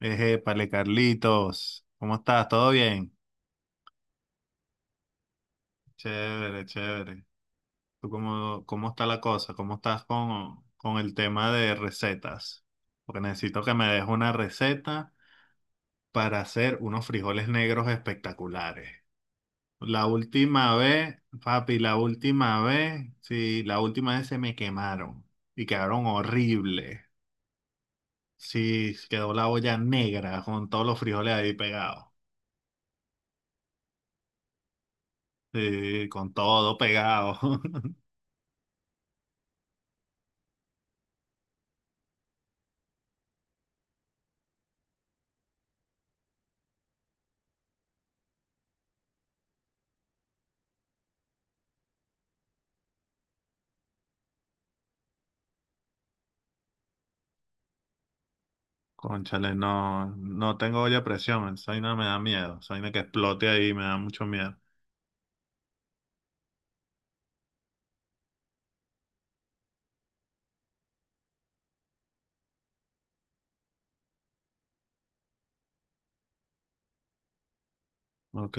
Ejépale, Carlitos, ¿cómo estás? ¿Todo bien? Chévere, chévere. ¿Tú cómo está la cosa? ¿Cómo estás con el tema de recetas? Porque necesito que me des una receta para hacer unos frijoles negros espectaculares. La última vez, papi, la última vez, sí, la última vez se me quemaron y quedaron horribles. Sí, quedó la olla negra con todos los frijoles ahí pegados. Sí, con todo pegado. Cónchale, no, no tengo olla a presión, esa vaina me da miedo, esa vaina que explote ahí me da mucho miedo. Ok,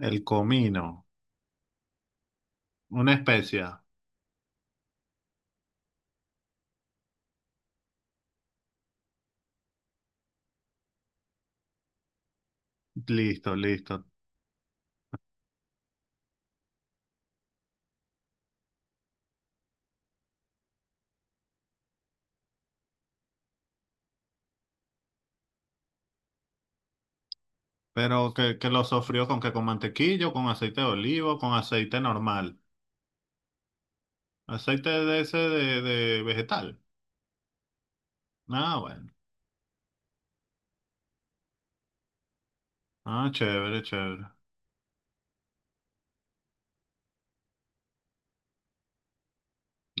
el comino, una especia, listo, listo. Pero que lo sofrió con que con mantequillo, con aceite de olivo, con aceite normal, aceite de ese de vegetal. Ah, bueno, ah, chévere, chévere.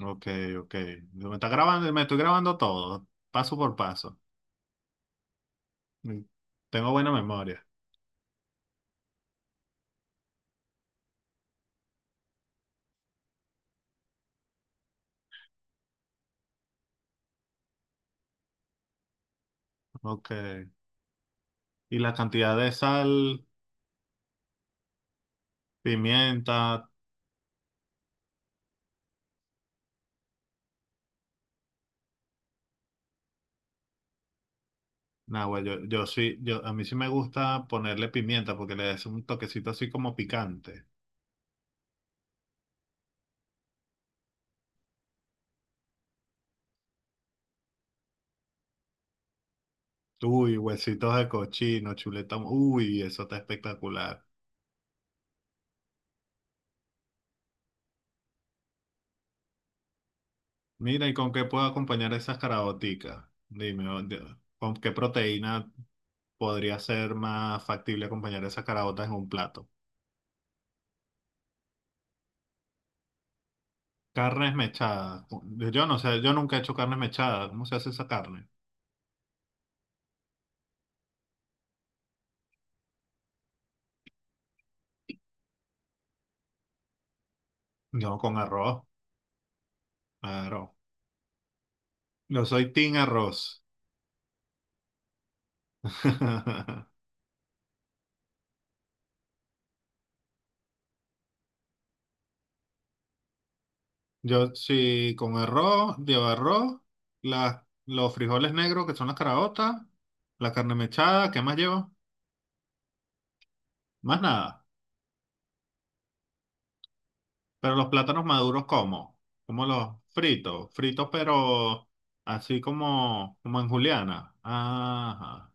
Ok, ok, me está grabando, me estoy grabando todo, paso por paso. Mm, tengo buena memoria. Ok, y la cantidad de sal. Pimienta, nah, güey, yo sí, yo, a mí sí me gusta ponerle pimienta porque le das un toquecito así como picante. Uy, huesitos de cochino, chuleta, uy, eso está espectacular. Mira, ¿y con qué puedo acompañar esas caraoticas? Dime, ¿con qué proteína podría ser más factible acompañar esas caraotas en un plato? Carnes mechadas. Yo no sé, yo nunca he hecho carnes mechadas. ¿Cómo se hace esa carne? No, con arroz, arroz, yo soy team arroz. Yo sí, con arroz, lleva arroz, los frijoles negros que son las caraotas, la carne mechada, ¿qué más llevo? Más nada. Pero los plátanos maduros, ¿cómo? Como los fritos, fritos pero así como, como en juliana. Ajá.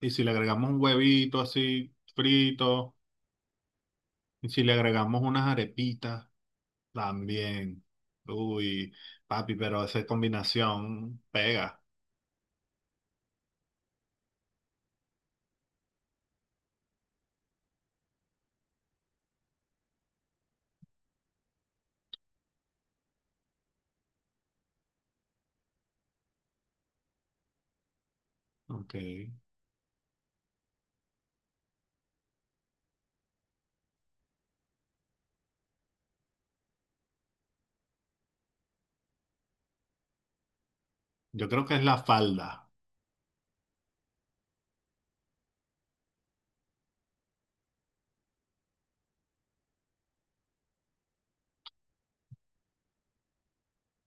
Y si le agregamos un huevito así frito, y si le agregamos unas arepitas, también. Uy, papi, pero esa combinación pega. Ok. Yo creo que es la falda.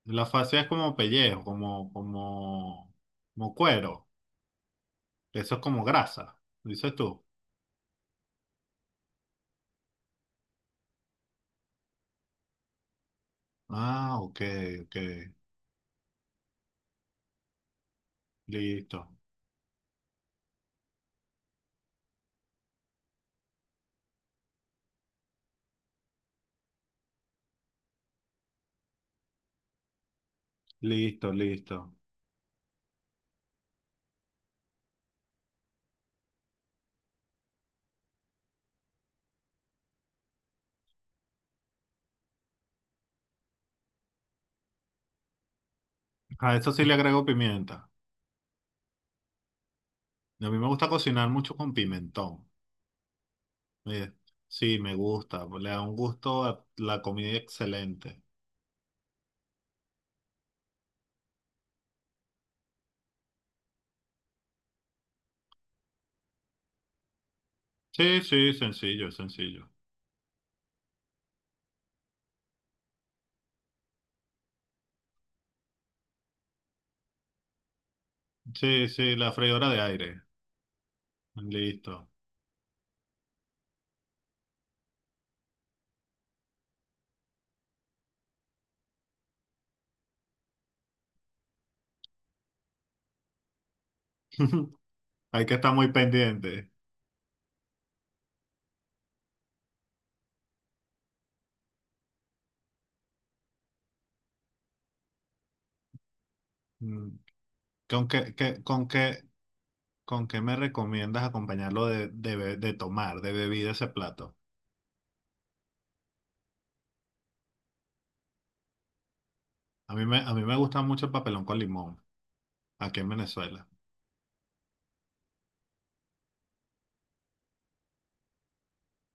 La fascia es como pellejo, como, como, como cuero. Eso es como grasa, dices tú. Ah, ok, ok. Listo, listo, listo. A eso sí le agrego pimienta. A mí me gusta cocinar mucho con pimentón. Eh, Sí, me gusta. Le da un gusto a la comida excelente. Sí, sí, sencillo, sencillo. Sí, sí, la freidora de aire. Listo. Hay que estar muy pendiente. Mm, ¿Con qué, qué- con qué, con qué me recomiendas acompañarlo de tomar, de bebida ese plato? A a mí me gusta mucho el papelón con limón, aquí en Venezuela.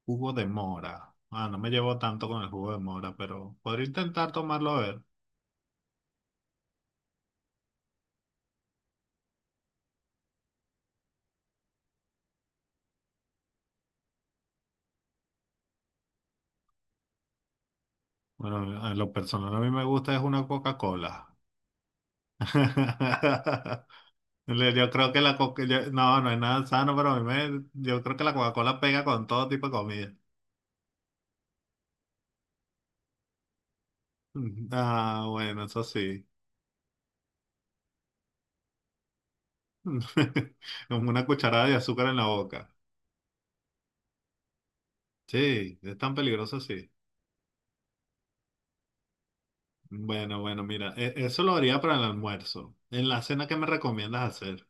Jugo de mora. Ah, no me llevo tanto con el jugo de mora, pero podría intentar tomarlo a ver. Bueno, a lo personal a mí me gusta es una Coca-Cola. Yo creo que la coca, no, no es nada sano, pero a yo creo que la Coca-Cola pega con todo tipo de comida. Ah, bueno, eso sí. Con una cucharada de azúcar en la boca. Sí, es tan peligroso, sí. Bueno, bueno, mira, eso lo haría para el almuerzo. En la cena, ¿qué me recomiendas hacer?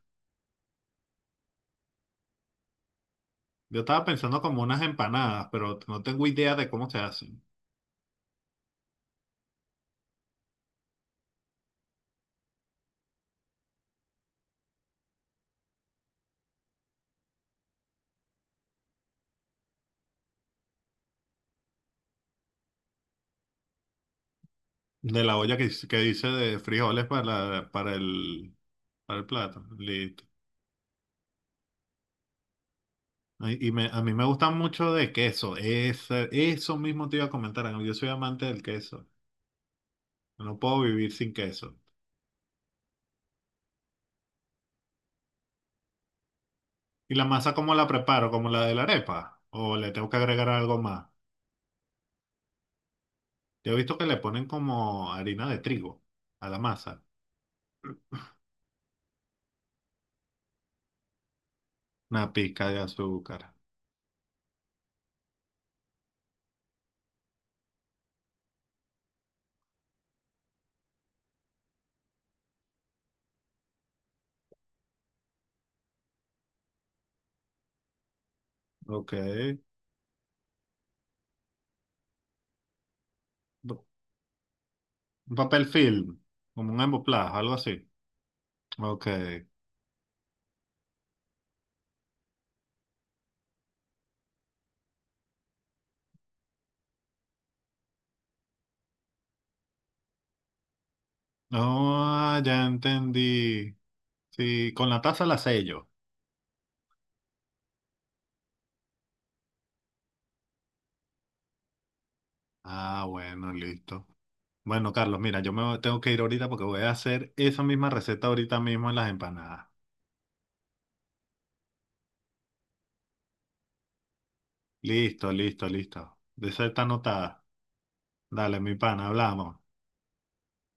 Yo estaba pensando como unas empanadas, pero no tengo idea de cómo se hacen. De la olla que dice de frijoles para el plato. Listo. Ay, y a mí me gustan mucho de queso. Eso mismo te iba a comentar. Ángel. Yo soy amante del queso. No puedo vivir sin queso. ¿Y la masa cómo la preparo? ¿Como la de la arepa? ¿O le tengo que agregar algo más? Yo he visto que le ponen como harina de trigo a la masa, una pizca de azúcar. Ok. Un papel film, como un emboplado, algo así. Ok. Oh, ya entendí. Sí, con la taza la sello. Ah, bueno, listo. Bueno, Carlos, mira, tengo que ir ahorita porque voy a hacer esa misma receta ahorita mismo en las empanadas. Listo, listo, listo. De esa está anotada. Dale, mi pana, hablamos.